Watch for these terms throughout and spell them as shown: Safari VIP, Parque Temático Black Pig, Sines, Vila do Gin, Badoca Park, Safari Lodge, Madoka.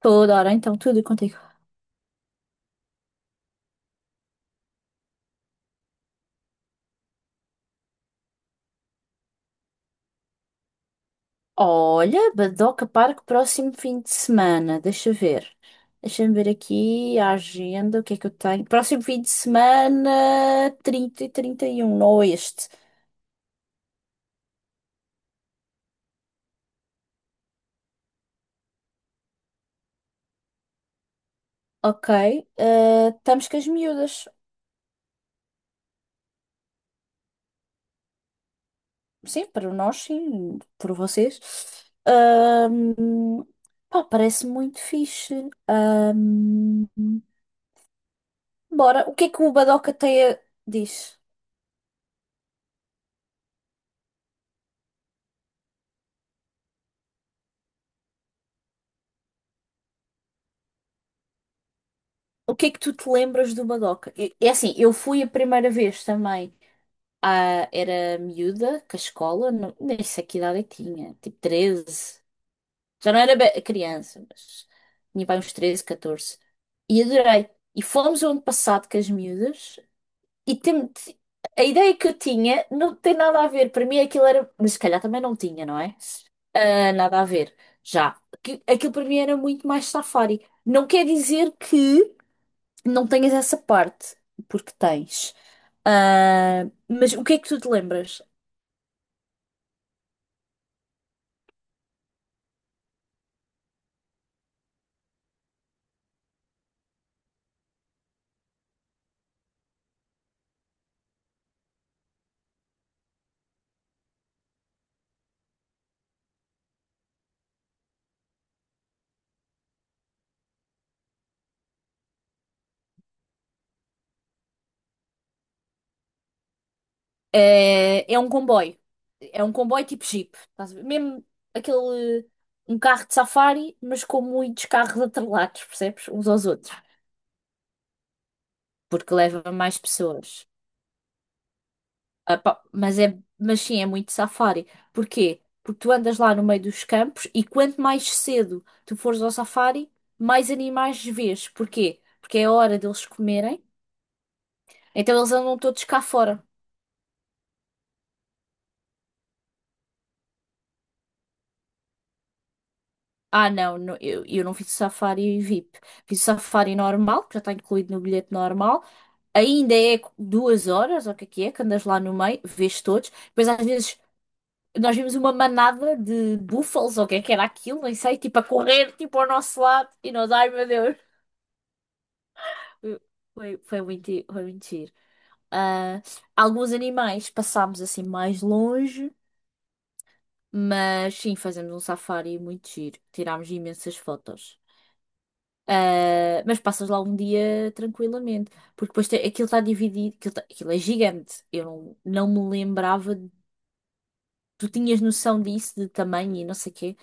Toda hora, então, tudo contigo. Olha, Badoca Parque, próximo fim de semana. Deixa ver. Deixa-me ver aqui a agenda, o que é que eu tenho. Próximo fim de semana, 30 e 31 não este. Ok, estamos com as miúdas. Sim, para nós, sim, por vocês. Ahm, pá, parece muito fixe. Bora, o que é que o Badoca diz? O que é que tu te lembras do Madoka? É assim, eu fui a primeira vez também. Ah, era miúda, com a escola, não, nem sei que idade eu tinha, tipo 13. Já não era criança, mas tinha para uns 13, 14. E adorei. E fomos o ano passado com as miúdas e a ideia que eu tinha não tem nada a ver. Para mim aquilo era, mas se calhar também não tinha, não é? Ah, nada a ver. Já. Aquilo para mim era muito mais safari. Não quer dizer que não tens essa parte, porque tens. Ah, mas o que é que tu te lembras? É um comboio. É um comboio tipo Jeep. Estás a ver? Mesmo aquele. Um carro de safari, mas com muitos carros atrelados, percebes? Uns aos outros. Porque leva mais pessoas. Ah, pá, mas sim, é muito safari. Porquê? Porque tu andas lá no meio dos campos e quanto mais cedo tu fores ao safari, mais animais vês. Porquê? Porque é a hora deles comerem. Então eles andam todos cá fora. Ah, não, eu não fiz o Safari VIP. Fiz o Safari normal, que já está incluído no bilhete normal. Ainda é 2 horas, ou o que é que é, que andas lá no meio, vês todos. Depois às vezes nós vimos uma manada de búfalos, ou o que é que era aquilo, nem sei, tipo a correr, tipo ao nosso lado. E nós, ai meu Deus. Foi muito, foi muito giro. Ah, alguns animais passámos assim mais longe, mas sim, fazemos um safari muito giro. Tirámos imensas fotos. Ah, mas passas lá um dia tranquilamente, porque depois aquilo está dividido, aquilo é gigante. Eu não, não me lembrava, tu tinhas noção disso, de tamanho e não sei quê.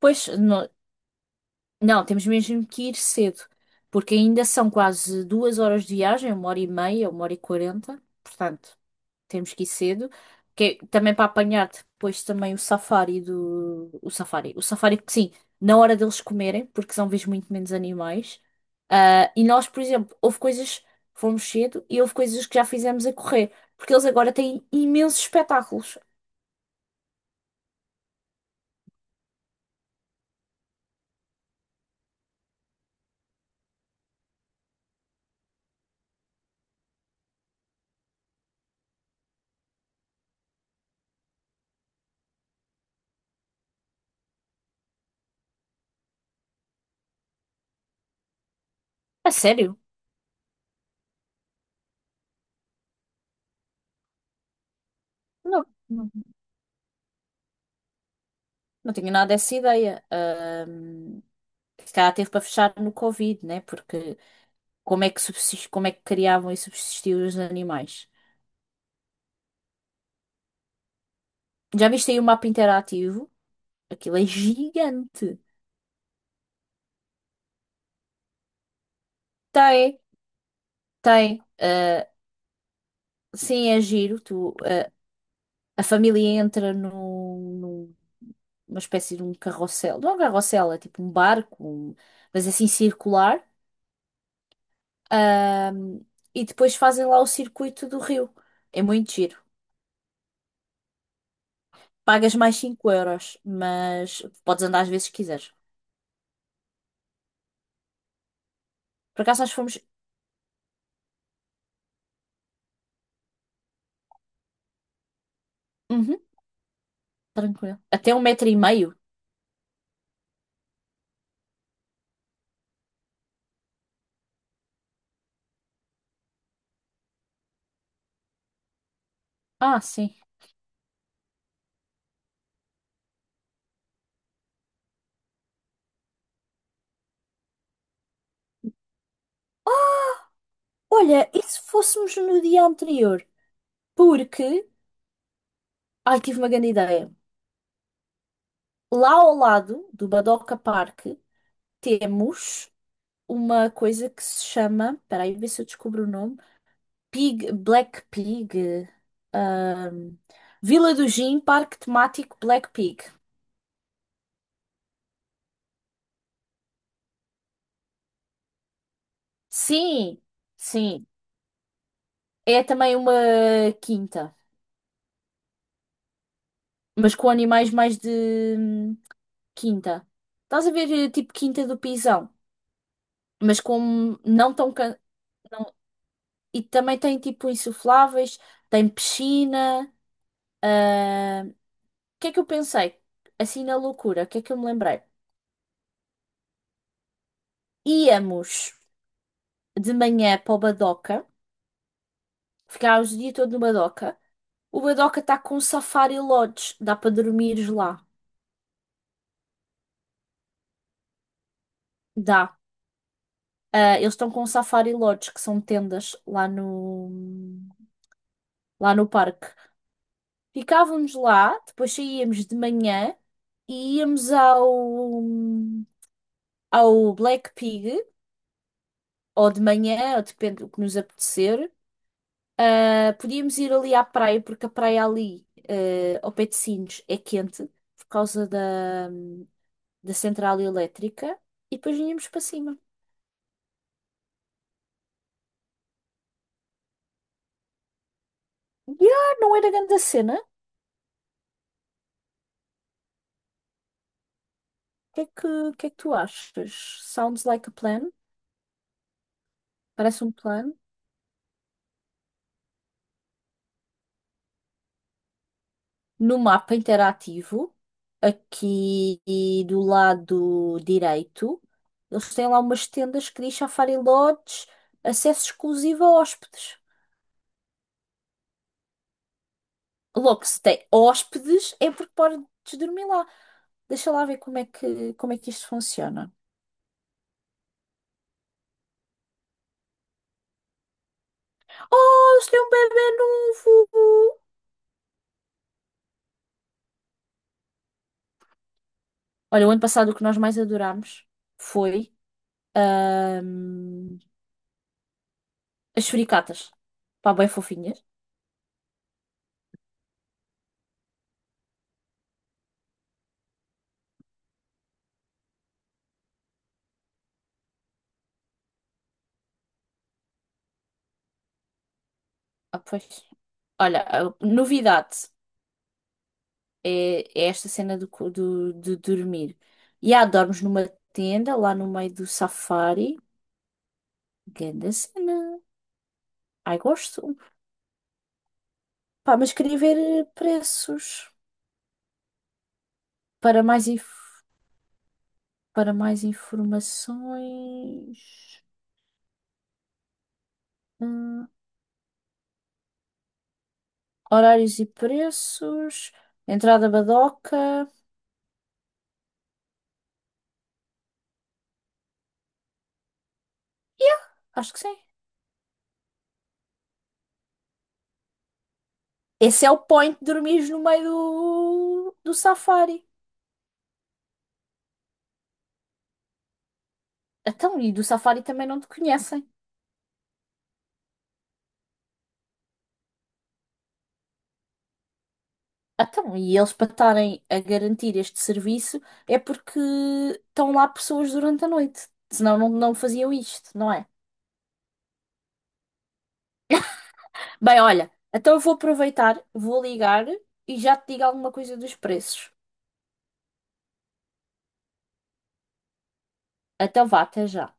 Pois, não, não, temos mesmo que ir cedo, porque ainda são quase 2 horas de viagem, 1 hora e meia, 1 hora e 40, portanto. Temos que ir cedo. Que é também para apanhar depois também o safari do. O safari. O safari, sim, na hora deles comerem, porque são vês muito menos animais. Ah, e nós, por exemplo, houve coisas. Fomos cedo e houve coisas que já fizemos a correr. Porque eles agora têm imensos espetáculos. A sério? Não, não, não tinha nada dessa ideia. Se calhar teve para fechar no Covid, né? Porque como é que como é que criavam e subsistiam os animais? Já viste aí o mapa interativo? Aquilo é gigante. Tem, tem. Sim, é giro. A família entra num, numa espécie de um carrossel. Não é um carrossel, é tipo um barco, mas assim circular. Ahm, e depois fazem lá o circuito do rio. É muito giro. Pagas mais 5 euros, mas podes andar às vezes que quiseres. Por acaso nós fomos. Uhum, tranquilo. Até 1,5 metros. Ah, sim. Olha, e se fôssemos no dia anterior? Porque Ai, tive uma grande ideia. Lá ao lado do Badoca Park temos uma coisa que se chama, espera aí, ver se eu descubro o nome, Black Pig, ahm, Vila do Gin, Parque Temático Black Pig. Sim, sim. É também uma quinta, mas com animais mais de hum, quinta. Estás a ver, tipo, quinta do pisão, mas com não tão. Não- E também tem, tipo, insufláveis, tem piscina. Ah, o que é que eu pensei? Assim na loucura, o que é que eu me lembrei? Íamos de manhã para o Badoca, ficávamos o dia todo no Badoca. O Badoca está com Safari Lodge, dá para dormires lá. Dá. Ah, eles estão com Safari Lodge, que são tendas lá no parque. Ficávamos lá, depois saíamos de manhã e íamos ao Black Pig, ou de manhã, ou depende do que nos apetecer. Ah, podíamos ir ali à praia, porque a praia ali, ao pé de Sines, é quente por causa da central elétrica e depois vinhamos para cima. Yeah, não era grande a cena. O que é que tu achas? Sounds like a plan. Parece um plano. No mapa interativo, aqui do lado direito, eles têm lá umas tendas que diz Safari Lodge, acesso exclusivo a hóspedes. Logo, se tem hóspedes, é porque podes dormir lá. Deixa lá ver como é que isto funciona. Oh, eles têm um bebê novo! Olha, o ano passado o que nós mais adorámos foi ahm, as suricatas. Pá, bem fofinhas. Ah, pois. Olha, a novidade é esta cena de dormir. E dormes numa tenda lá no meio do safari. Grande cena. Ai, gosto. Pá, mas queria ver preços. Para mais, inf- Para mais informações, hum, horários e preços, entrada badoca. Yeah, acho que sim. Esse é o point de dormires no meio do safari. Então, e do safari também não te conhecem. Então, e eles para estarem a garantir este serviço é porque estão lá pessoas durante a noite. Senão não, não faziam isto, não é? Bem, olha, então eu vou aproveitar, vou ligar e já te digo alguma coisa dos preços. Então vá, até já.